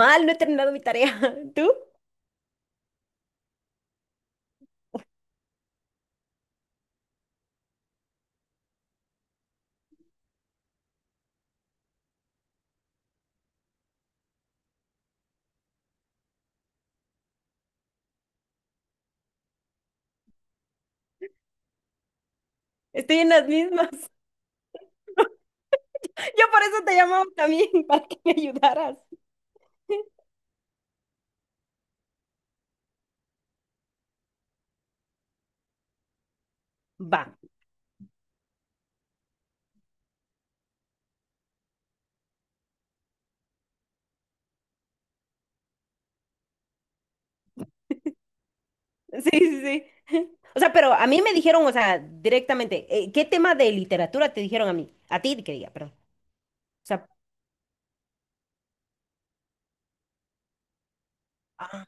Mal, no he terminado mi tarea. ¿Tú? Estoy en las mismas. Yo por eso te llamaba también, para que me ayudaras. Va. Sí, sí, sí. O sea, pero a mí me dijeron, o sea, directamente, ¿qué tema de literatura te dijeron a mí? A ti, que diga, perdón. O sea, ah,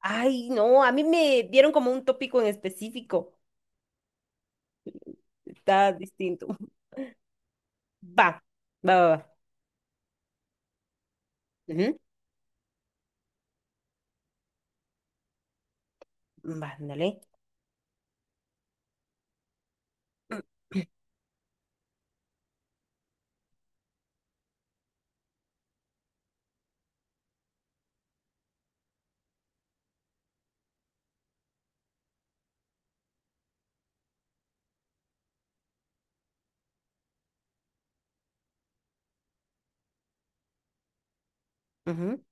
ay, no, a mí me dieron como un tópico en específico. Está distinto. Va, va, va, va. Ujú. Va, ándale. Ujú,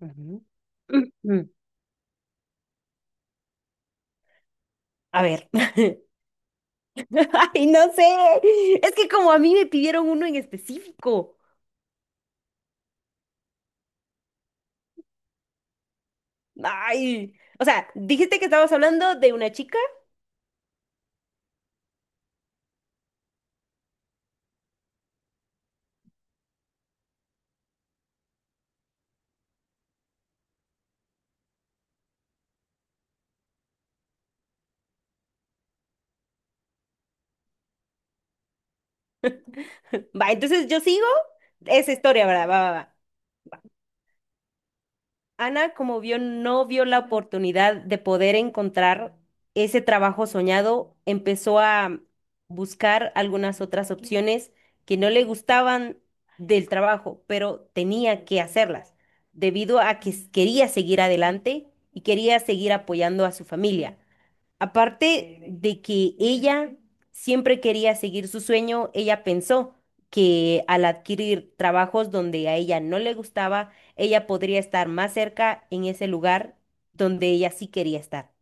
ujú. Ujú. A ver. Ay, no sé. Es que como a mí me pidieron uno en específico. Ay. O sea, dijiste que estabas hablando de una chica. Va, entonces yo sigo esa historia, ¿verdad? Va, va, va. Ana, como vio, no vio la oportunidad de poder encontrar ese trabajo soñado, empezó a buscar algunas otras opciones que no le gustaban del trabajo, pero tenía que hacerlas, debido a que quería seguir adelante y quería seguir apoyando a su familia. Aparte de que ella siempre quería seguir su sueño, ella pensó que al adquirir trabajos donde a ella no le gustaba, ella podría estar más cerca en ese lugar donde ella sí quería estar.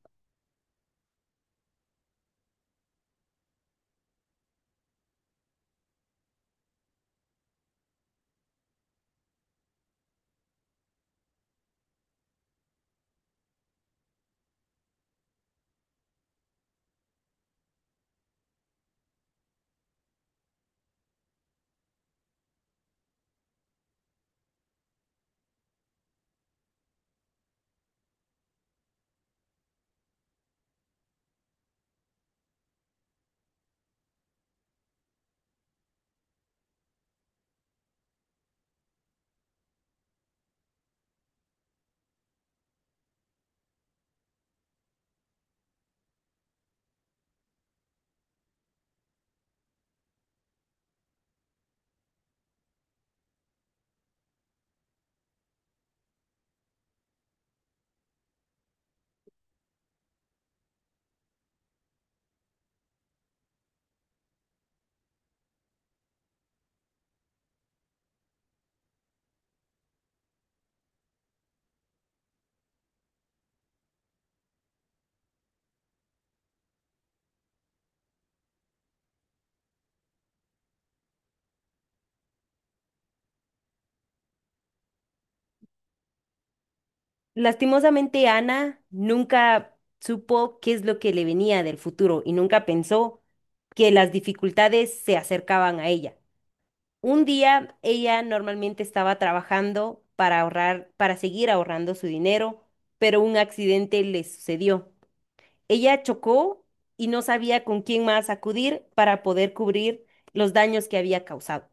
Lastimosamente, Ana nunca supo qué es lo que le venía del futuro y nunca pensó que las dificultades se acercaban a ella. Un día ella normalmente estaba trabajando para ahorrar, para seguir ahorrando su dinero, pero un accidente le sucedió. Ella chocó y no sabía con quién más acudir para poder cubrir los daños que había causado.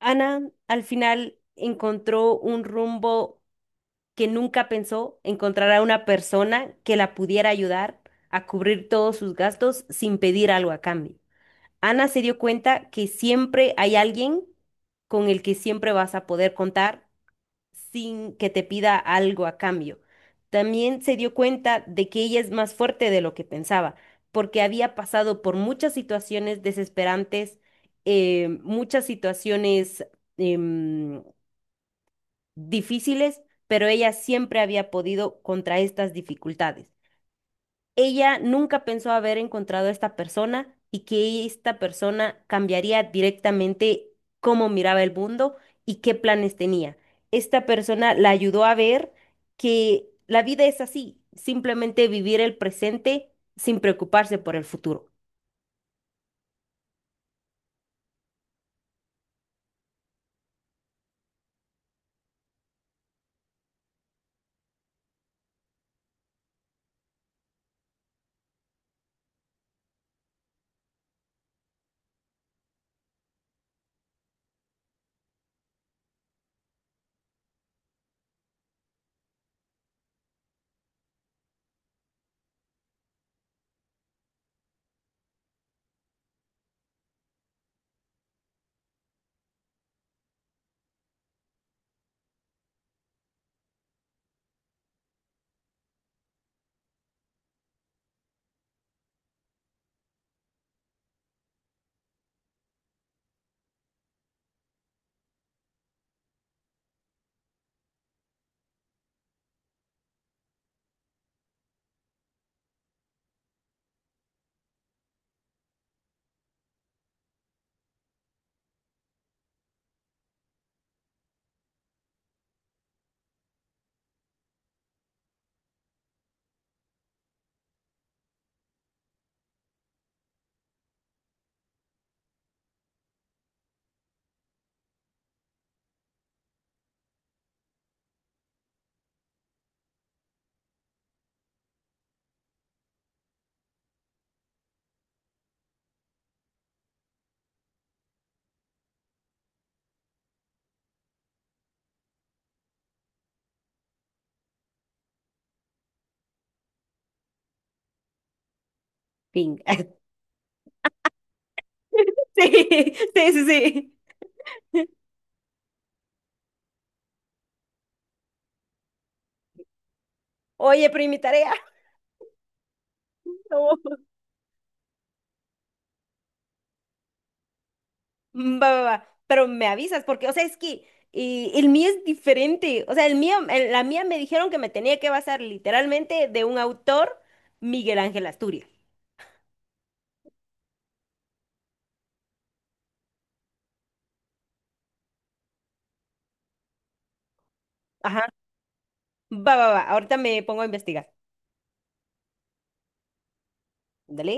Ana al final encontró un rumbo que nunca pensó, encontrar a una persona que la pudiera ayudar a cubrir todos sus gastos sin pedir algo a cambio. Ana se dio cuenta que siempre hay alguien con el que siempre vas a poder contar sin que te pida algo a cambio. También se dio cuenta de que ella es más fuerte de lo que pensaba, porque había pasado por muchas situaciones desesperantes, muchas situaciones em, difíciles, pero ella siempre había podido contra estas dificultades. Ella nunca pensó haber encontrado a esta persona, y que esta persona cambiaría directamente cómo miraba el mundo y qué planes tenía. Esta persona la ayudó a ver que la vida es así, simplemente vivir el presente sin preocuparse por el futuro. Fin. Sí, sí, sí, sí. Oye, pero ¿y mi tarea? No. Mm, va, va, va. Pero me avisas, porque, o sea, es que el mío es diferente. O sea, el mío, la mía, me dijeron que me tenía que basar literalmente de un autor, Miguel Ángel Asturias. Ajá. Va, va, va. Ahorita me pongo a investigar. Dale.